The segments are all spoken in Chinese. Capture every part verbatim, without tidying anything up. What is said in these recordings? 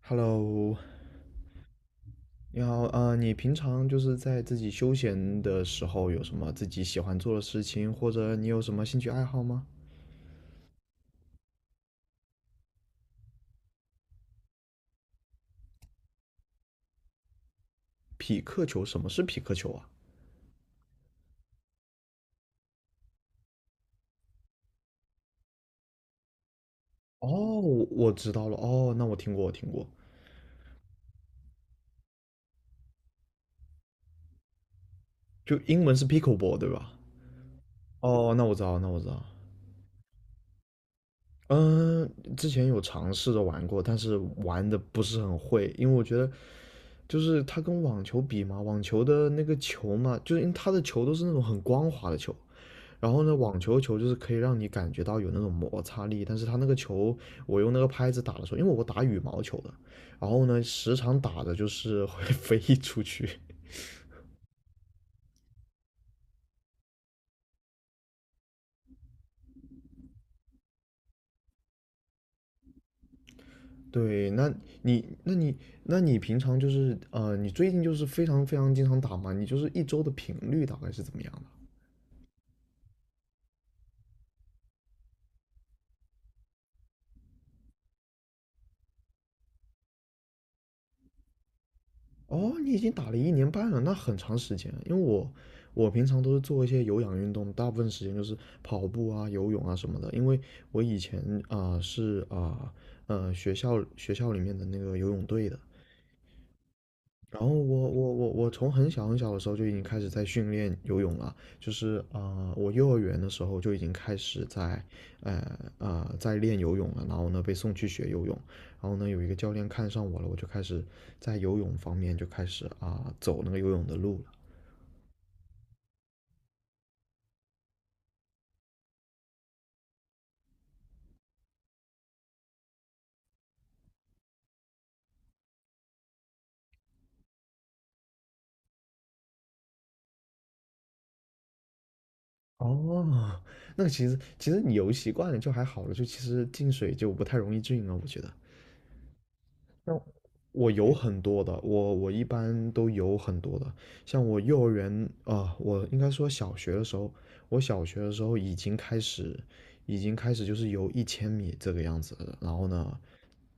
Hello，你好，呃，你平常就是在自己休闲的时候有什么自己喜欢做的事情，或者你有什么兴趣爱好吗？匹克球，什么是匹克球啊？哦，我我知道了，哦，那我听过，我听过，就英文是 pickleball 对吧？哦，那我知道，那我知道。嗯，之前有尝试着玩过，但是玩的不是很会，因为我觉得就是它跟网球比嘛，网球的那个球嘛，就是因为它的球都是那种很光滑的球，然后呢，网球球就是可以让你感觉到有那种摩擦力，但是它那个球，我用那个拍子打的时候，因为我打羽毛球的，然后呢，时常打的就是会 飞出去。对，那你，那你，那你平常就是，呃，你最近就是非常非常经常打吗？你就是一周的频率大概是怎么样的？哦，你已经打了一年半了，那很长时间了。因为我我平常都是做一些有氧运动，大部分时间就是跑步啊、游泳啊什么的。因为我以前啊、是啊，呃学校学校里面的那个游泳队的，然后我我我我从很小很小的时候就已经开始在训练游泳了，就是啊、呃我幼儿园的时候就已经开始在，呃呃，在练游泳了。然后呢，被送去学游泳，然后呢，有一个教练看上我了，我就开始在游泳方面就开始啊、走那个游泳的路了。哦，那其实其实你游习惯了就还好了，就其实进水就不太容易进了，我觉得。那我有很多的，我我一般都有很多的。像我幼儿园啊、呃我应该说小学的时候，我小学的时候已经开始，已经开始就是游一千米这个样子的。然后呢，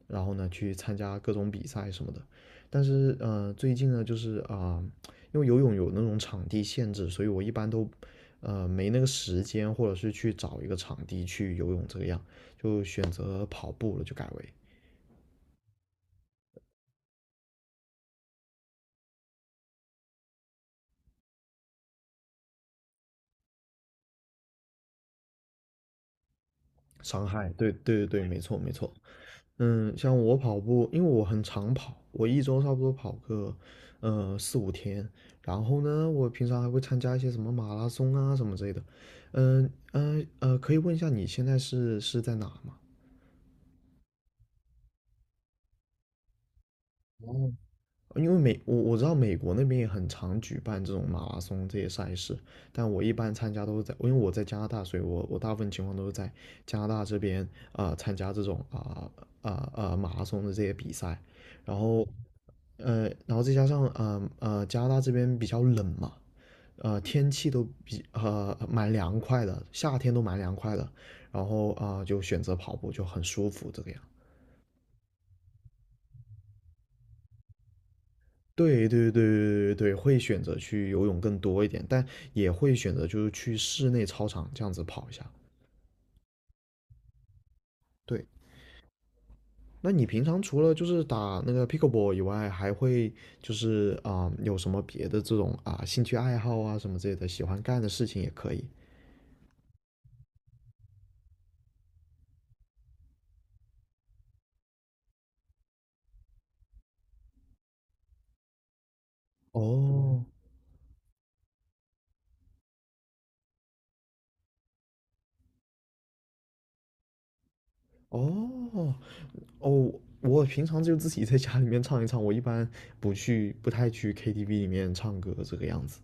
然后呢去参加各种比赛什么的。但是呃，最近呢，就是啊、呃因为游泳有那种场地限制，所以我一般都呃没那个时间，或者是去找一个场地去游泳这个样，就选择跑步了，就改为。伤害，对对对对，没错没错。嗯，像我跑步，因为我很常跑，我一周差不多跑个呃四五天。然后呢，我平常还会参加一些什么马拉松啊什么之类的。嗯嗯呃，可以问一下你现在是是在哪吗？因为美，我我知道美国那边也很常举办这种马拉松这些赛事，但我一般参加都是在，因为我在加拿大，所以我我大部分情况都是在加拿大这边啊、呃参加这种啊啊啊马拉松的这些比赛，然后呃然后再加上呃呃加拿大这边比较冷嘛，呃天气都比呃蛮凉快的，夏天都蛮凉快的，然后啊、呃就选择跑步就很舒服这个样。对对对对对对，会选择去游泳更多一点，但也会选择就是去室内操场这样子跑一下。对，那你平常除了就是打那个 pickleball 以外，还会就是啊、有什么别的这种啊兴趣爱好啊什么之类的，喜欢干的事情也可以。哦哦哦，我平常就自己在家里面唱一唱，我一般不去不太去 K T V 里面唱歌这个样子。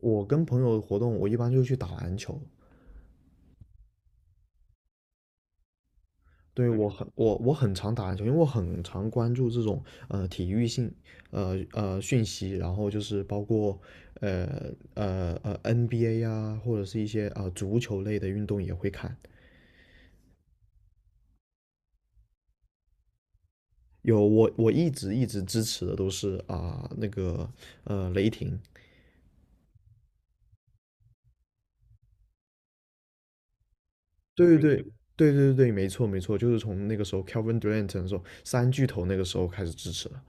我跟朋友活动，我一般就去打篮球。对，我很我我很常打篮球，因为我很常关注这种呃体育性呃呃讯息，然后就是包括呃呃呃 N B A 啊，或者是一些啊、呃足球类的运动也会看。有，我我一直一直支持的都是啊、那个呃雷霆，对对对对对对对，没错没错，就是从那个时候 Kevin Durant 的时候三巨头那个时候开始支持了。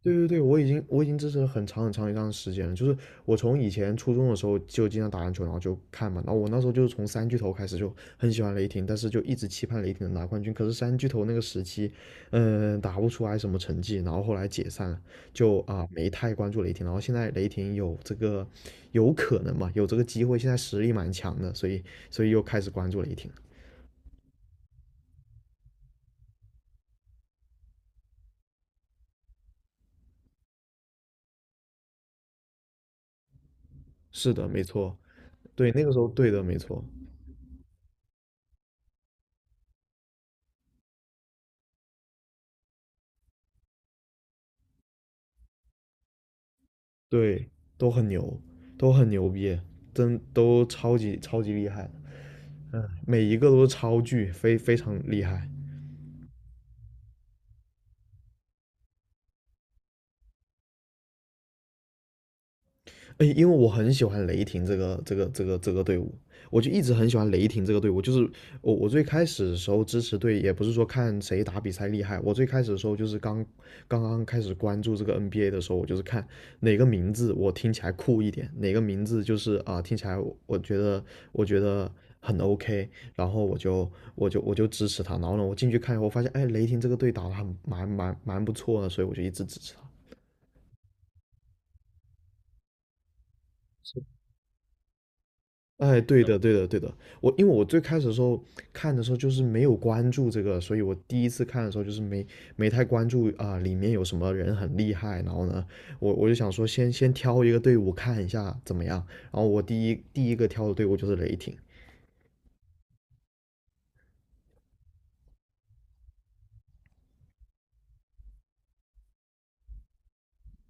对对对，我已经我已经支持了很长很长一段时间了。就是我从以前初中的时候就经常打篮球，然后就看嘛。然后我那时候就是从三巨头开始就很喜欢雷霆，但是就一直期盼雷霆能拿冠军。可是三巨头那个时期，嗯，呃打不出来什么成绩，然后后来解散了，就啊没太关注雷霆。然后现在雷霆有这个有可能嘛，有这个机会，现在实力蛮强的，所以所以又开始关注雷霆了。是的，没错，对，那个时候对的，没错。对，都很牛，都很牛逼，真都超级超级厉害，嗯，每一个都是超巨，非非常厉害。哎，因为我很喜欢雷霆这个这个这个这个队伍，我就一直很喜欢雷霆这个队伍。就是我我最开始的时候支持队，也不是说看谁打比赛厉害，我最开始的时候就是刚刚刚开始关注这个 N B A 的时候，我就是看哪个名字我听起来酷一点，哪个名字就是啊、呃听起来我我觉得我觉得很 OK，然后我就我就我就支持他。然后呢，我进去看以后发现，哎，雷霆这个队打的很蛮蛮蛮不错的，所以我就一直支持他。哎，对的，对的，对的。我因为我最开始的时候看的时候就是没有关注这个，所以我第一次看的时候就是没没太关注啊、里面有什么人很厉害。然后呢，我我就想说先先挑一个队伍看一下怎么样。然后我第一第一个挑的队伍就是雷霆。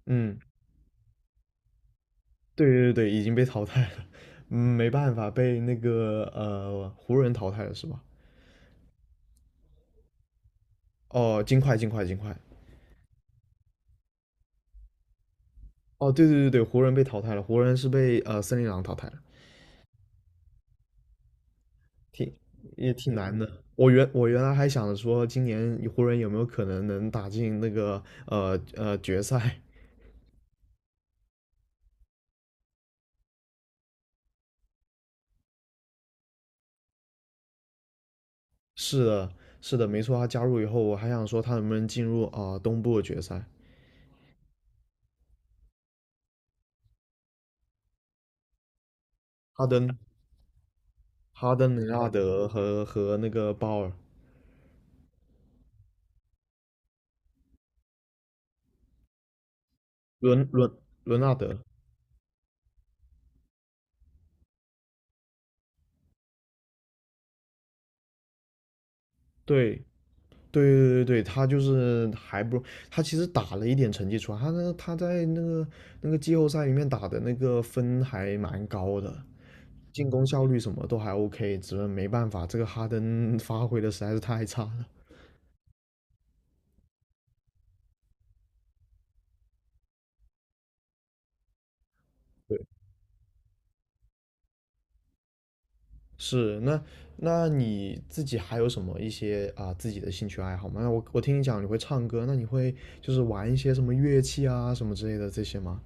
嗯，对对对，已经被淘汰了。嗯没办法，被那个呃湖人淘汰了是吧？哦，金块，金块，金块。哦，对对对对，湖人被淘汰了，湖人是被呃森林狼淘汰了。挺也挺难的。我原我原来还想着说，今年湖人有没有可能能打进那个呃呃决赛？是的，是的，没错。他加入以后，我还想说他能不能进入啊、呃东部决赛？哈登、哈登、雷纳德和和那个鲍尔、伦伦伦纳德，对。对对对对，他就是还不，他其实打了一点成绩出来，他那他在那个那个季后赛里面打的那个分还蛮高的，进攻效率什么都还 OK，只是没办法，这个哈登 发挥的实在是太差了。对，是那那你自己还有什么一些啊、呃自己的兴趣爱好吗？那我我听你讲你会唱歌，那你会就是玩一些什么乐器啊什么之类的这些吗？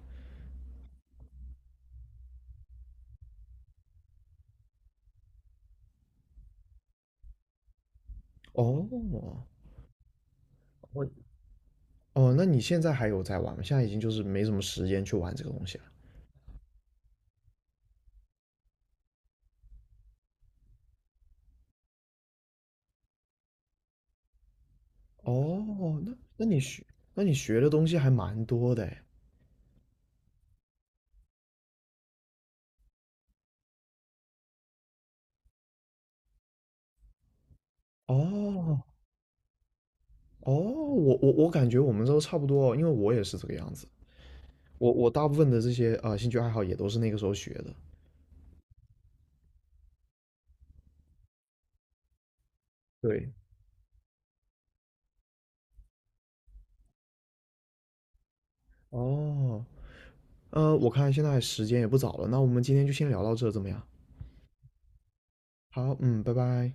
哦，我哦，那你现在还有在玩吗？现在已经就是没什么时间去玩这个东西了。哦，那那你学，那你学的东西还蛮多的诶。哦哦，我我我感觉我们都差不多，因为我也是这个样子。我我大部分的这些啊呃兴趣爱好也都是那个时候学的。对，哦，呃，我看现在时间也不早了，那我们今天就先聊到这，怎么样？好，嗯，拜拜。